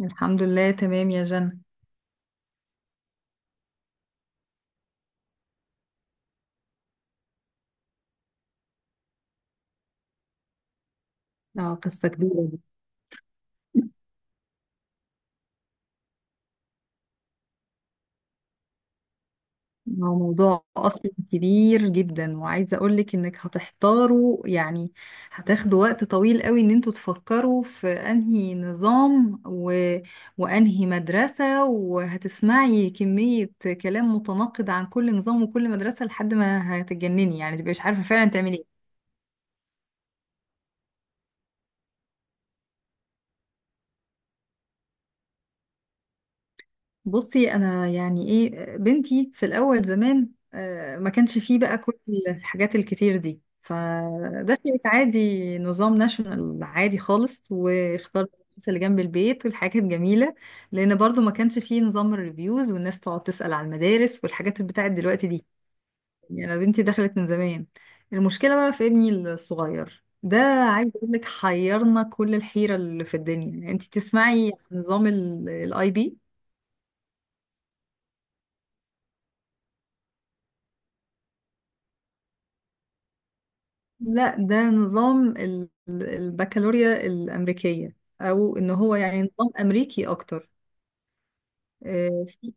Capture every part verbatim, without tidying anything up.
الحمد لله، تمام يا جنى. اه، قصة كبيرة دي. هو موضوع أصلا كبير جدا، وعايزة أقولك إنك هتحتاروا يعني. هتاخدوا وقت طويل قوي إن انتوا تفكروا في أنهي نظام و... وأنهي مدرسة، وهتسمعي كمية كلام متناقض عن كل نظام وكل مدرسة لحد ما هتتجنني، يعني تبقي مش عارفة فعلا تعملي إيه. بصي، انا يعني ايه بنتي في الاول زمان، آه، ما كانش فيه بقى كل الحاجات الكتير دي، فدخلت عادي نظام ناشونال عادي خالص، واختارت المدرسة اللي جنب البيت والحاجات الجميلة. لان برضو ما كانش فيه نظام الريفيوز والناس تقعد تسأل على المدارس والحاجات اللي بتاعت دلوقتي دي. يعني انا بنتي دخلت من زمان. المشكلة بقى في ابني الصغير ده، عايز اقول لك حيرنا كل الحيرة اللي في الدنيا. يعني انت تسمعي عن نظام الاي بي. لا، ده نظام ال- البكالوريا الأمريكية، أو إن هو يعني نظام أمريكي أكتر. آه، في-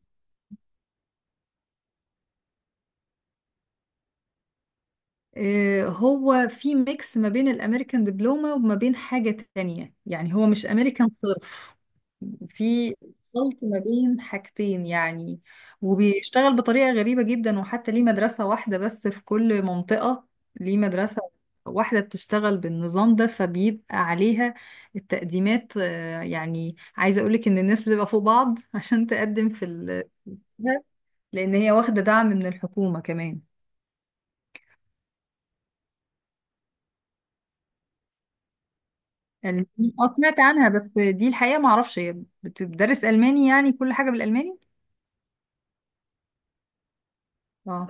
آه، هو في ميكس ما بين الأمريكان دبلومة وما بين حاجة تانية، يعني هو مش أمريكان. في خلط ما بين حاجتين يعني، وبيشتغل بطريقة غريبة جدا. وحتى ليه مدرسة واحدة بس في كل منطقة. ليه مدرسة واحدة بتشتغل بالنظام ده فبيبقى عليها التقديمات. آه، يعني عايزة أقولك إن الناس بتبقى فوق بعض عشان تقدم في ال ده، لأن هي واخدة دعم من الحكومة كمان. ألماني؟ اه، سمعت عنها، بس دي الحقيقة معرفش هي بتدرس ألماني يعني كل حاجة بالألماني؟ اه،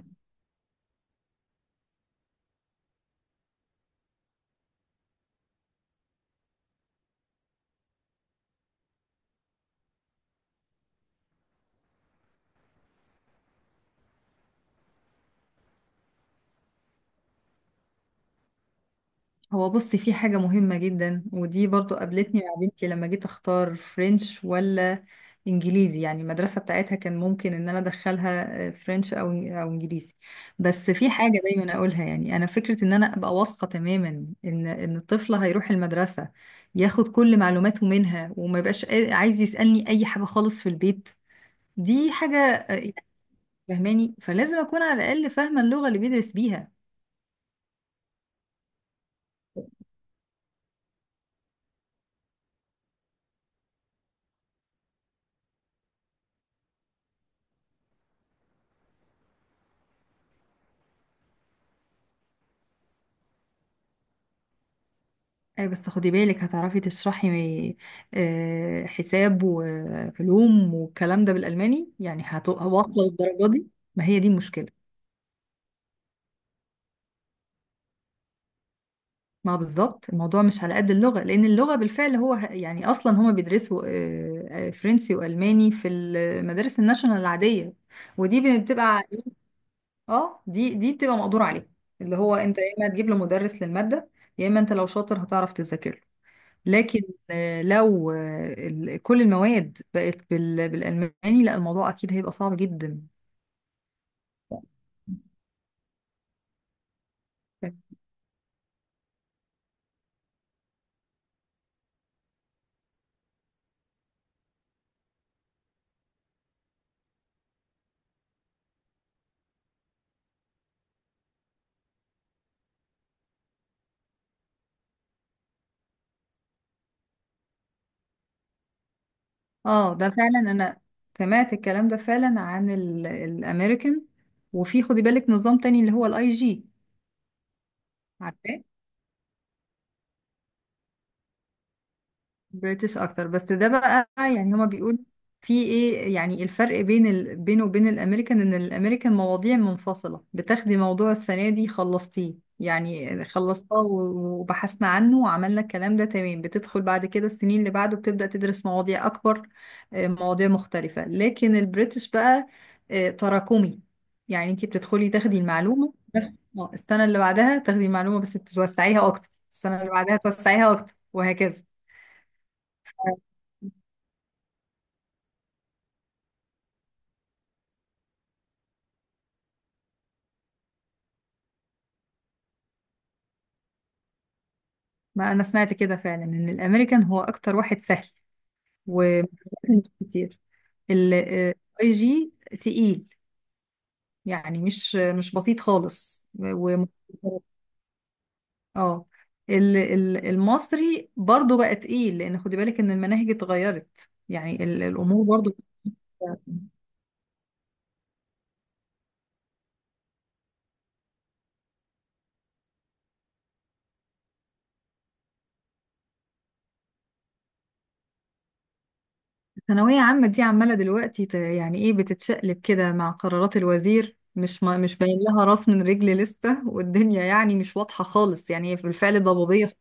هو بصي، في حاجة مهمة جدا ودي برضو قابلتني مع بنتي لما جيت اختار فرنش ولا انجليزي. يعني المدرسة بتاعتها كان ممكن ان انا ادخلها آه، فرنش او او انجليزي. بس في حاجة دايما اقولها، يعني انا فكرة ان انا ابقى واثقة تماما ان ان الطفل هيروح المدرسة ياخد كل معلوماته منها، وما يبقاش قا- عايز يسألني اي حاجة خالص في البيت. دي حاجة آه، يعني فهماني، فلازم اكون على الاقل فاهمة اللغة اللي بيدرس بيها. أي، بس خدي بالك هتعرفي تشرحي آه، حساب وعلوم والكلام ده بالألماني؟ يعني هت- هوصل الدرجة دي؟ ما هي دي المشكلة. ما بالظبط، الموضوع مش على قد اللغة، لأن اللغة بالفعل هو ه- يعني أصلا هما بيدرسوا آه، آه، فرنسي وألماني في المدارس الناشونال العادية، ودي بتبقى. اه، دي دي بتبقى مقدور عليها، اللي هو انت يا اما تجيب له مدرس للمادة، يا اما انت لو شاطر هتعرف تذاكر له. لكن آه، لو آه، ال- كل المواد بقت بال- بالألماني، لا الموضوع أكيد هيبقى صعب جدا. اه، ده فعلا انا سمعت الكلام ده فعلا عن ال- الامريكان. وفي خدي بالك نظام تاني اللي هو الاي جي. عارفاه، بريتش اكتر. بس ده بقى يعني هما بيقولوا في ايه يعني الفرق بين ال... بينه وبين الامريكان، ان الامريكان مواضيع منفصلة. بتاخدي موضوع السنة دي خلصتيه، يعني خلصتها و- وبحثنا عنه وعملنا الكلام ده تمام، بتدخل بعد كده السنين اللي بعده بتبدأ تدرس مواضيع اكبر. آه، مواضيع مختلفة، لكن البريتش بقى آه، تراكمي. يعني انتي بتدخلي تاخدي المعلومة نفس- آه، السنة اللي بعدها تاخدي المعلومة بس توسعيها اكتر، السنة اللي بعدها توسعيها اكتر، وهكذا. ما انا سمعت كده فعلا ان الامريكان هو اكتر واحد سهل، ومش كتير. الاي جي تقيل، يعني مش مش بسيط خالص و... اه، ال- ال- المصري برضو بقى تقيل، لان خدي بالك ان المناهج اتغيرت. يعني ال- الامور برضو الثانويه عامه دي عماله دلوقتي ت- يعني ايه بتتشقلب كده مع قرارات الوزير. مش ما مش باين لها راس من رجل لسه، والدنيا يعني مش واضحه خالص، يعني هي بالفعل ضبابيه.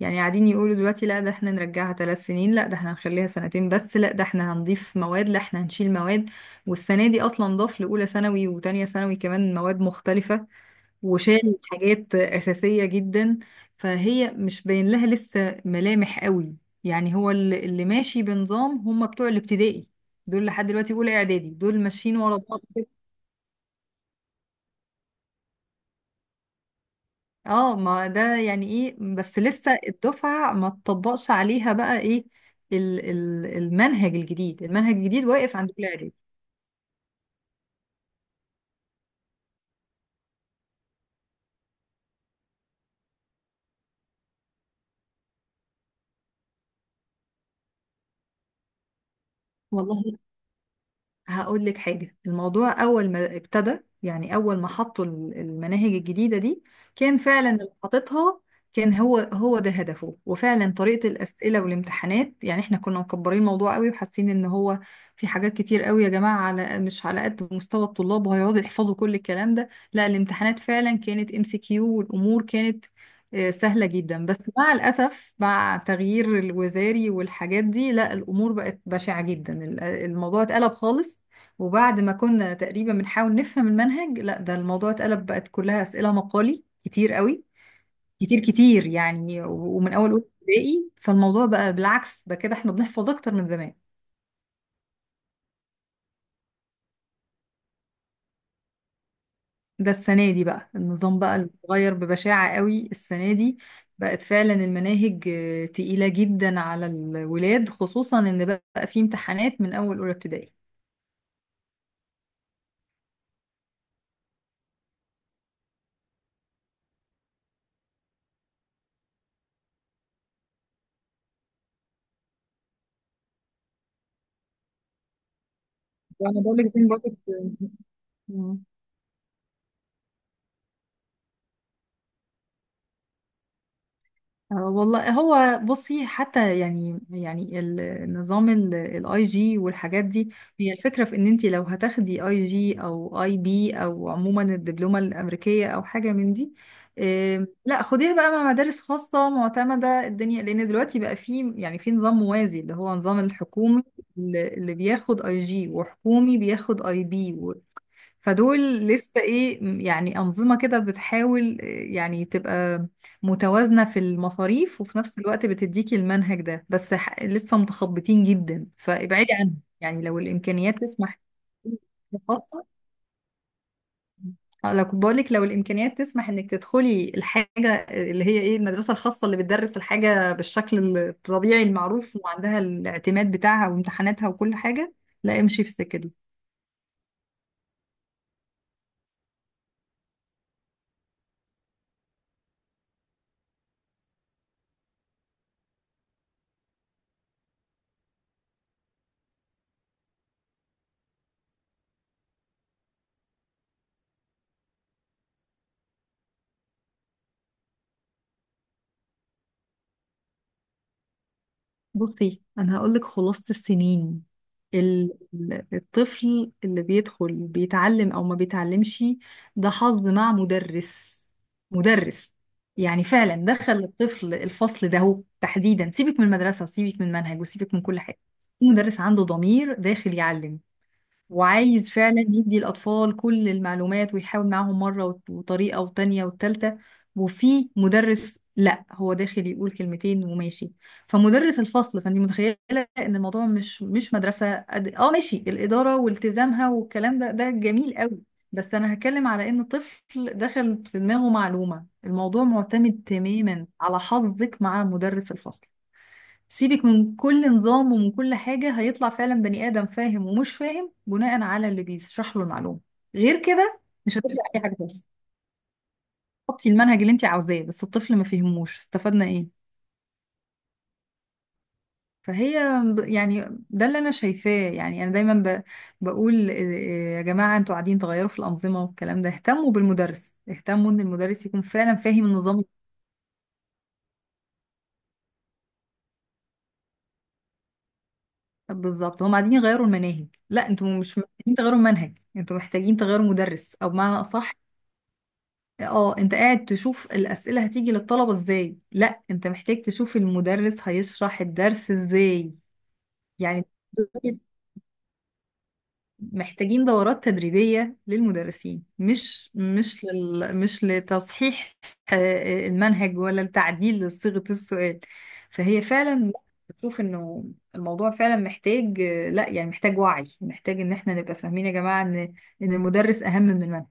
يعني قاعدين يقولوا دلوقتي لا ده احنا نرجعها ثلاث سنين، لا ده احنا هنخليها سنتين بس، لا ده احنا هنضيف مواد، لا احنا هنشيل مواد. والسنة دي اصلا ضاف لأولى ثانوي وتانية ثانوي كمان مواد مختلفة، وشال حاجات أساسية جدا. فهي مش باين لها لسه ملامح قوي. يعني هو اللي اللي ماشي بنظام هم بتوع الابتدائي، دول لحد دلوقتي أولى إعدادي، دول ماشيين ورا بعض. اه، ما ده يعني ايه، بس لسه الدفعة ما تطبقش عليها بقى ايه ال ال المنهج الجديد. المنهج الجديد واقف عند كل اعدادي. والله، هقول لك حاجة. الموضوع أول ما ابتدى، يعني أول ما حطوا ال- المناهج الجديدة دي، كان فعلا اللي حاططها كان هو هو ده هدفه. وفعلا طريقة الأسئلة والامتحانات، يعني احنا كنا مكبرين الموضوع قوي وحاسين ان هو في حاجات كتير قوي يا جماعة، على مش على قد مستوى الطلاب، وهيقعدوا يحفظوا كل الكلام ده. لا الامتحانات فعلا كانت ام سي كيو، والأمور كانت آه، سهلة جدا. بس مع الأسف مع تغيير الوزاري والحاجات دي، لا الأمور بقت بشعة جدا، ال- الموضوع اتقلب خالص. وبعد ما كنا تقريبا بنحاول نفهم المنهج، لا ده الموضوع اتقلب، بقت كلها أسئلة مقالي كتير قوي، كتير كتير يعني. و- ومن أول أولى ابتدائي، فالموضوع بقى بالعكس، ده كده احنا بنحفظ أكتر من زمان. ده السنة دي بقى النظام بقى اللي اتغير ببشاعة قوي السنة دي. بقت فعلا المناهج آه، تقيلة جدا على الولاد، خصوصا ان بقى في امتحانات من اول اولى ابتدائي. وانا بقول لك زي ما بقولك، آه، آه، والله، هو بصي حتى يعني يعني ال- النظام الاي جي والحاجات دي هي الفكره في ان انت لو هتاخدي اي جي او اي بي، او عموما الدبلومه الامريكيه او حاجه من دي. آم، لا خديها بقى مع مدارس خاصه معتمده الدنيا، لان دلوقتي بقى في يعني في نظام موازي اللي هو نظام الحكومي. اللي اللي بياخد اي جي وحكومي بياخد اي بي، فدول لسه ايه م- يعني انظمه كده بتحاول آه، يعني تبقى متوازنه في المصاريف، وفي نفس الوقت بتديكي المنهج ده. بس ح- لسه متخبطين جدا، فابعدي عنهم يعني لو الامكانيات تسمح، خاصه. اه، لو كنت بقولك، لو الامكانيات تسمح انك تدخلي الحاجه اللي هي ايه المدرسه الخاصه اللي بتدرس الحاجه بالشكل الطبيعي المعروف، وعندها الاعتماد بتاعها وامتحاناتها وكل حاجه، لا امشي في السكه دي. بصي انا هقولك خلاصة السنين. ال- ال- الطفل اللي بيدخل بيتعلم او ما بيتعلمش، ده حظ مع مدرس. مدرس يعني فعلا دخل الطفل الفصل ده هو تحديدا، سيبك من المدرسة وسيبك من المنهج وسيبك من كل حاجة. المدرس عنده ضمير داخل يعلم، وعايز فعلا يدي الأطفال كل المعلومات ويحاول معاهم مرة وت- وطريقة وتانية والتالتة. وفي مدرس لا هو داخل يقول كلمتين وماشي. فمدرس الفصل فانت متخيلة ان الموضوع مش مش مدرسة قد اه، ماشي، الإدارة والتزامها والكلام ده ده جميل قوي. بس انا هتكلم على ان طفل دخل في دماغه معلومة، الموضوع معتمد تماما على حظك مع مدرس الفصل. سيبك من كل نظام ومن كل حاجة، هيطلع فعلا بني آدم فاهم ومش فاهم بناء على اللي بيشرح له المعلومة. غير كده مش هتفرق أي حاجة خالص. حطي المنهج اللي انت عاوزاه، بس الطفل ما فهموش استفدنا ايه؟ فهي ب- يعني ده اللي انا شايفاه. يعني انا دايما ب... بقول آه، آه، يا جماعة انتوا قاعدين تغيروا في الأنظمة والكلام ده، اهتموا بالمدرس، اهتموا ان المدرس يكون فعلا فاهم النظام. بالظبط، هم قاعدين يغيروا المناهج، لا انتوا مش محتاجين تغيروا المنهج، انتوا محتاجين تغيروا مدرس، او بمعنى اصح، اه انت قاعد تشوف الأسئلة هتيجي للطلبة ازاي، لا انت محتاج تشوف المدرس هيشرح الدرس ازاي. يعني دول محتاجين دورات تدريبية للمدرسين، مش مش لل... مش لتصحيح آه، آه، المنهج ولا التعديل لصيغة السؤال. فهي فعلا بشوف انه الموضوع فعلا محتاج آه، لا يعني محتاج وعي، محتاج ان احنا نبقى فاهمين يا جماعة ان ان المدرس اهم من المنهج.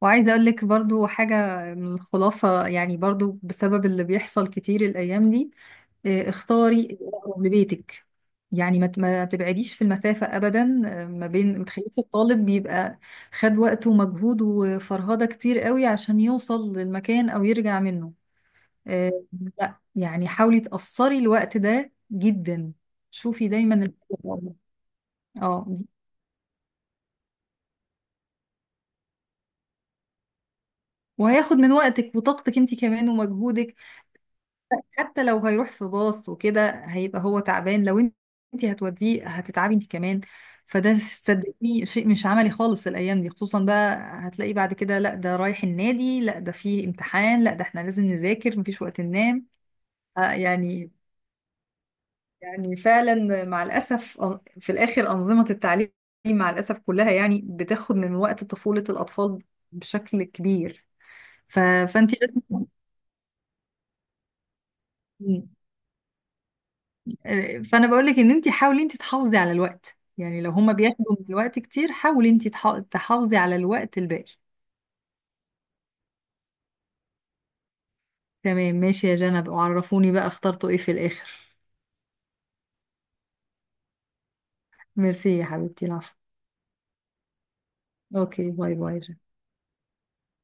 وعايزة اقول لك برضو حاجة من الخلاصة، يعني برضو بسبب اللي بيحصل كتير الايام دي. آه، اختاري الاقرب لبيتك. يعني ما ت- ما تبعديش في المسافة ابدا. آه، ما بين ما تخليش الطالب بيبقى خد وقت ومجهود وفرهدة كتير قوي عشان يوصل للمكان او يرجع منه. آه، لا يعني حاولي تقصري الوقت ده جدا. شوفي دايما الحاجة الأقرب. اه، دي- وهياخد من وقتك وطاقتك انت كمان ومجهودك. حتى لو هيروح في باص وكده هيبقى هو تعبان، لو انت هتوديه هتتعبي انت كمان. فده صدقني شيء مش عملي خالص الايام دي، خصوصا بقى هتلاقي بعد كده لا ده رايح النادي، لا ده فيه امتحان، لا ده احنا لازم نذاكر مفيش وقت ننام. آه يعني يعني فعلا مع الاسف أن- في الاخر انظمه التعليم مع الاسف كلها يعني بتاخد من وقت طفوله الاطفال بشكل كبير. ف... فانت لازم فانا بقول لك ان انت حاولي انت تحافظي على الوقت، يعني لو هما بياخدوا من الوقت كتير، حاولي انت تح- تحافظي على الوقت الباقي. تمام ماشي يا جنب، وعرفوني بقى اخترتوا ايه في الاخر. ميرسي يا حبيبتي، العفو. اوكي، باي باي.